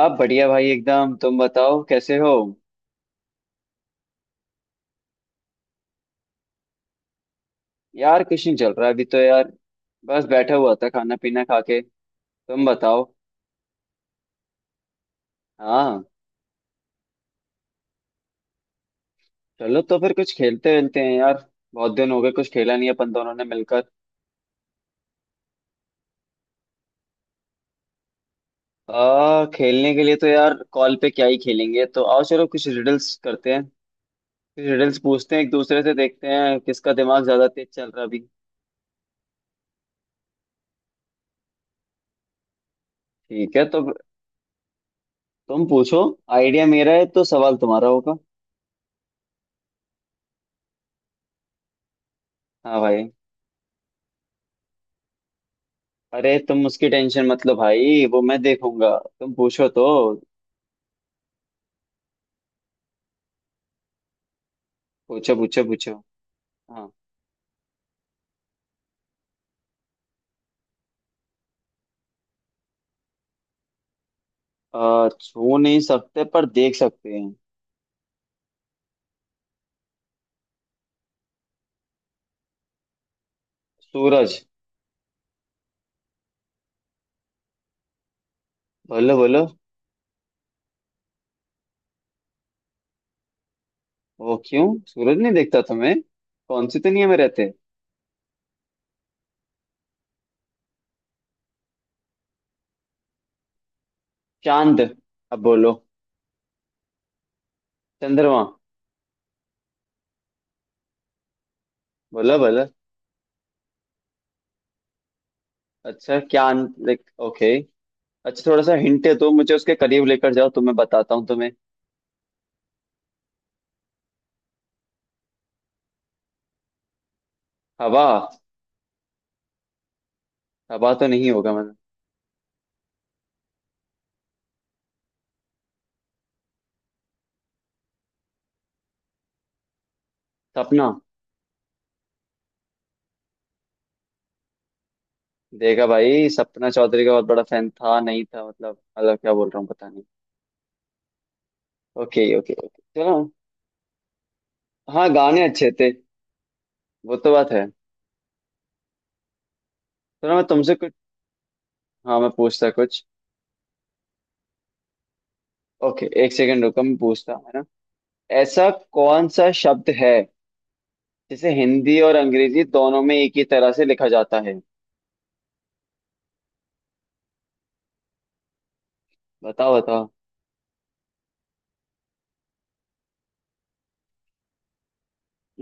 आप बढ़िया भाई एकदम। तुम बताओ कैसे हो। यार कुछ नहीं चल रहा अभी तो यार। बस बैठा हुआ था खाना पीना खा के। तुम बताओ। हाँ। चलो तो फिर कुछ खेलते वेलते हैं यार। बहुत दिन हो गए कुछ खेला नहीं अपन दोनों ने मिलकर। आ खेलने के लिए तो यार कॉल पे क्या ही खेलेंगे, तो आओ चलो कुछ रिडल्स करते हैं। कुछ रिडल्स पूछते हैं एक दूसरे से, देखते हैं किसका दिमाग ज्यादा तेज चल रहा अभी। ठीक है तो। तुम पूछो। आइडिया मेरा है तो सवाल तुम्हारा होगा। हाँ भाई। अरे तुम उसकी टेंशन मत लो भाई, वो मैं देखूंगा। तुम पूछो तो। पूछो पूछो पूछो। हाँ। छू नहीं सकते पर देख सकते हैं। सूरज। बोलो बोलो। वो क्यों सूरज नहीं देखता तुम्हें? कौन सी दुनिया में रहते? चांद। अब बोलो। चंद्रमा। बोलो बोलो। अच्छा, क्या लाइक? ओके। अच्छा, थोड़ा सा हिंट दो मुझे, उसके करीब लेकर जाओ तो मैं बताता हूँ तुम्हें। हवा। हवा तो नहीं होगा मतलब। सपना। देखा भाई, सपना चौधरी का बहुत बड़ा फैन था, नहीं था मतलब क्या बोल रहा हूँ पता नहीं। Okay okay okay. चलो। हाँ गाने अच्छे थे। वो तो बात है। चलो मैं तुमसे कुछ, हाँ मैं पूछता कुछ। ओके, एक सेकंड रुको, मैं पूछता हूँ, है ना। ऐसा कौन सा शब्द है जिसे हिंदी और अंग्रेजी दोनों में एक ही तरह से लिखा जाता है? बताओ बताओ।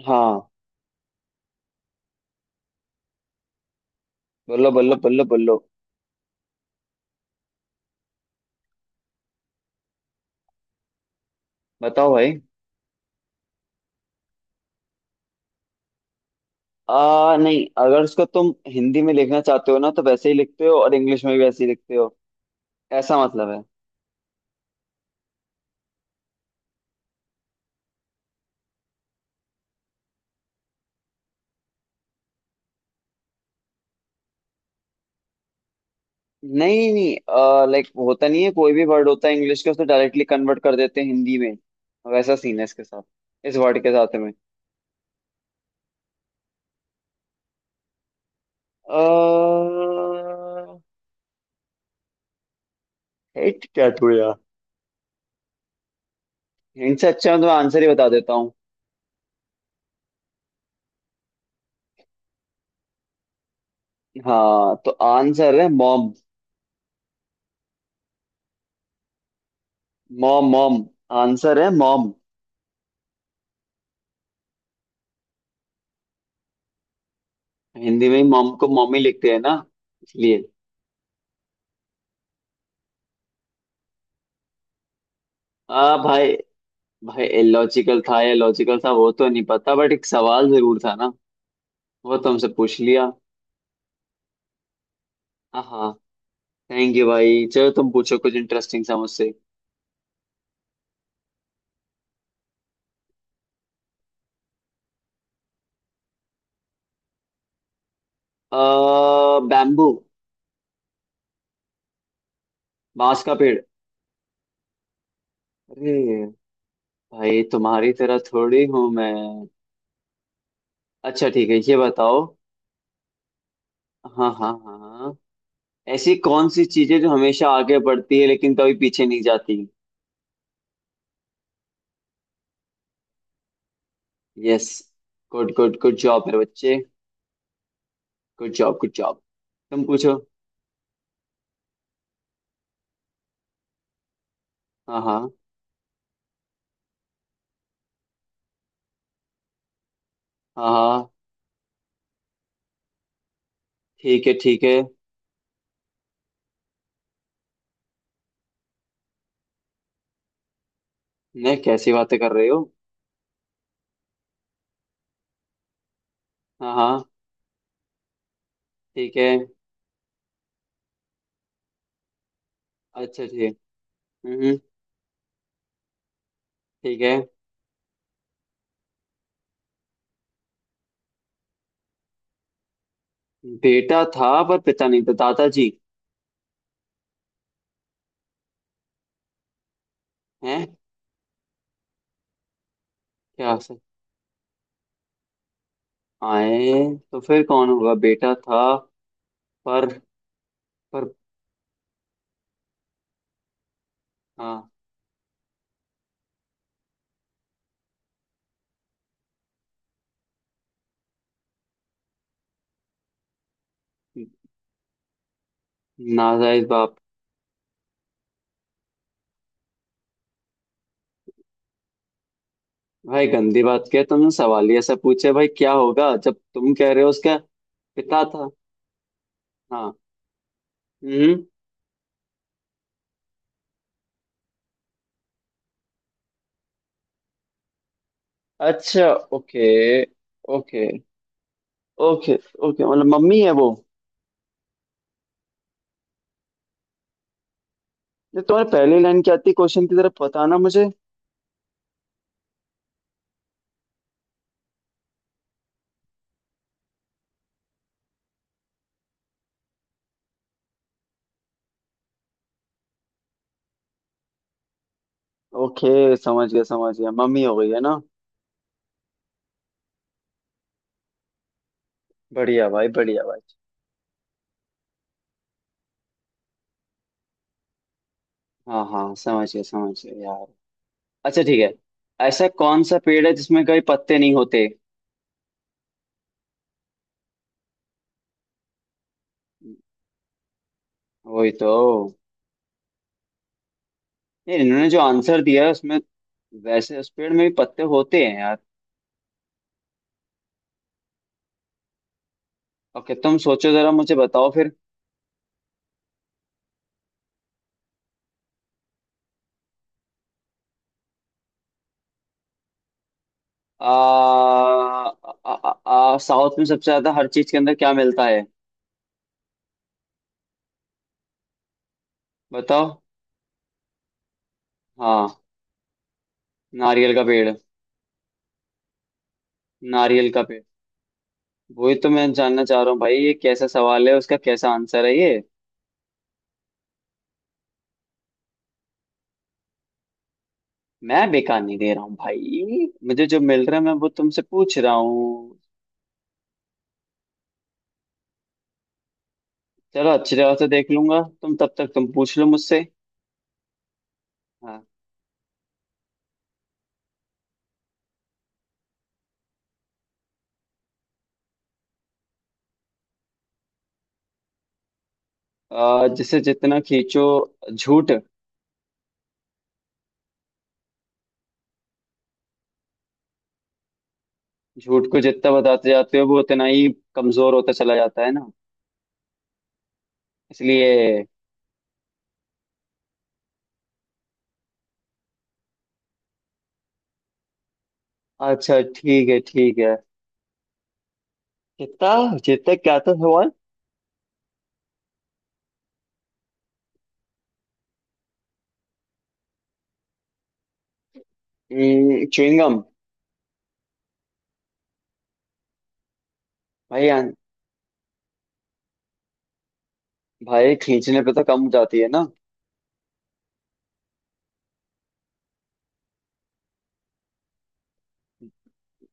हाँ। बोलो बोलो बोलो बोलो। बताओ भाई। आ नहीं, अगर उसको तुम हिंदी में लिखना चाहते हो ना तो वैसे ही लिखते हो, और इंग्लिश में भी वैसे ही लिखते हो, ऐसा मतलब है। नहीं नहीं, लाइक होता नहीं है, कोई भी वर्ड होता है इंग्लिश का उसे डायरेक्टली कन्वर्ट कर देते हैं हिंदी में। वैसा सीन है इसके साथ, इस वर्ड के साथ में। अह हिट क्या तू यार। इनसे अच्छा मैं तो आंसर ही बता देता हूँ। हाँ, तो आंसर है मॉम। Mom mom. आंसर है मॉम। हिंदी में ही मॉम को मॉमी लिखते हैं ना, इसलिए। हाँ भाई। भाई लॉजिकल था या लॉजिकल था वो तो नहीं पता, बट एक सवाल जरूर था ना, वो तुमसे पूछ लिया। हाँ। थैंक यू भाई, चलो तुम पूछो कुछ इंटरेस्टिंग सा मुझसे। अः बैम्बू। बांस का पेड़। अरे भाई, तुम्हारी तरह थोड़ी हूं मैं। अच्छा ठीक है, ये बताओ। हाँ हाँ हाँ। ऐसी कौन सी चीजें जो हमेशा आगे बढ़ती है लेकिन कभी पीछे नहीं जाती? Yes. Good good good job मेरे बच्चे। Good job good job. तुम पूछो। हाँ हाँ हाँ हाँ। ठीक है ठीक है। नहीं, कैसी बातें कर रहे हो? हाँ हाँ, ठीक है। अच्छा ठीक है। हम्म। ठीक है। बेटा था पर पिता नहीं था, दादाजी। हैं? क्या सर? आए? तो फिर कौन होगा बेटा था, पर। पर। हाँ। नाजायज बाप। भाई गंदी बात किया तुमने, सवाल ही ऐसा पूछे भाई, क्या होगा जब तुम कह रहे हो उसका पिता था। हाँ। हम्म। अच्छा। ओके ओके ओके ओके मतलब मम्मी है वो। ये तुम्हारे पहली लाइन क्या थी क्वेश्चन की तरफ बताना मुझे। ओके समझ गया समझ गया, मम्मी हो गई है ना। बढ़िया भाई बढ़िया भाई। हाँ हाँ समझ गया यार। अच्छा ठीक है। ऐसा कौन सा पेड़ है जिसमें कभी पत्ते नहीं होते? वही तो। नहीं, इन्होंने जो आंसर दिया है उसमें। वैसे उस पेड़ में भी पत्ते होते हैं यार। ओके, तुम सोचो जरा, मुझे बताओ फिर। आ, आ, आ, आ, साउथ में सबसे ज्यादा हर चीज के अंदर क्या मिलता है? बताओ। हाँ। नारियल का पेड़। नारियल का पेड़। वही तो मैं जानना चाह रहा हूँ भाई, ये कैसा सवाल है उसका, कैसा आंसर है ये? मैं बेकार नहीं दे रहा हूँ भाई, मुझे जो मिल रहा है मैं वो तुमसे पूछ रहा हूँ। चलो अच्छी तरह से देख लूंगा, तुम तब तक तुम पूछ लो मुझसे। हाँ। जिसे जितना खींचो। झूठ। झूठ को जितना बताते जाते हो वो उतना ही कमजोर होता चला जाता है ना, इसलिए। अच्छा ठीक है ठीक है। कितना जितना क्या था सवाल? च्युइंगम। भाई यार। भाई खींचने पे तो कम हो जाती है ना।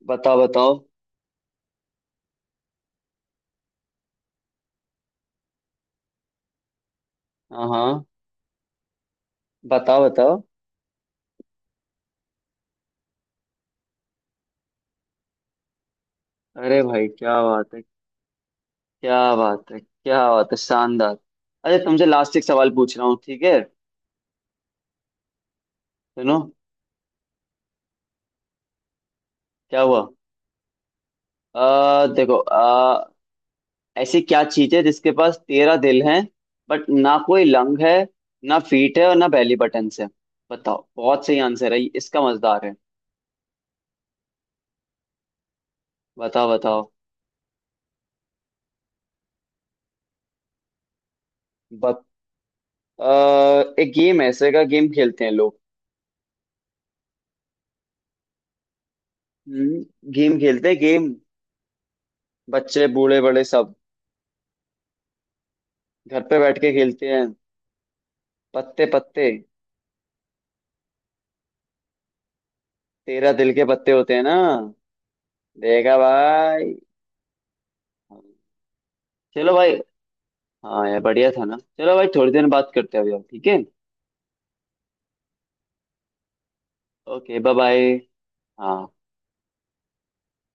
बताओ बताओ। हाँ हाँ। बताओ बताओ। अरे भाई क्या बात है। क्या बात है क्या बात है शानदार। अरे तुमसे लास्ट एक सवाल पूछ रहा हूँ, ठीक है। सुनो। क्या हुआ? देखो। ऐसी क्या चीज है जिसके पास 13 दिल हैं, बट ना कोई लंग है, ना फीट है, और ना बेली बटन है? बताओ, बहुत सही आंसर है इसका, मजेदार है। बताओ बताओ। बत, आ, एक गेम है, ऐसे का गेम खेलते हैं लोग। हम्म। गेम खेलते हैं गेम। बच्चे बूढ़े बड़े सब। घर पे बैठ के खेलते हैं। पत्ते पत्ते। 13 दिल के पत्ते होते हैं ना। देखा भाई। चलो भाई। हाँ यार बढ़िया था ना, चलो भाई थोड़ी देर बात करते हैं अभी हम, ठीक है। Okay bye bye. हाँ।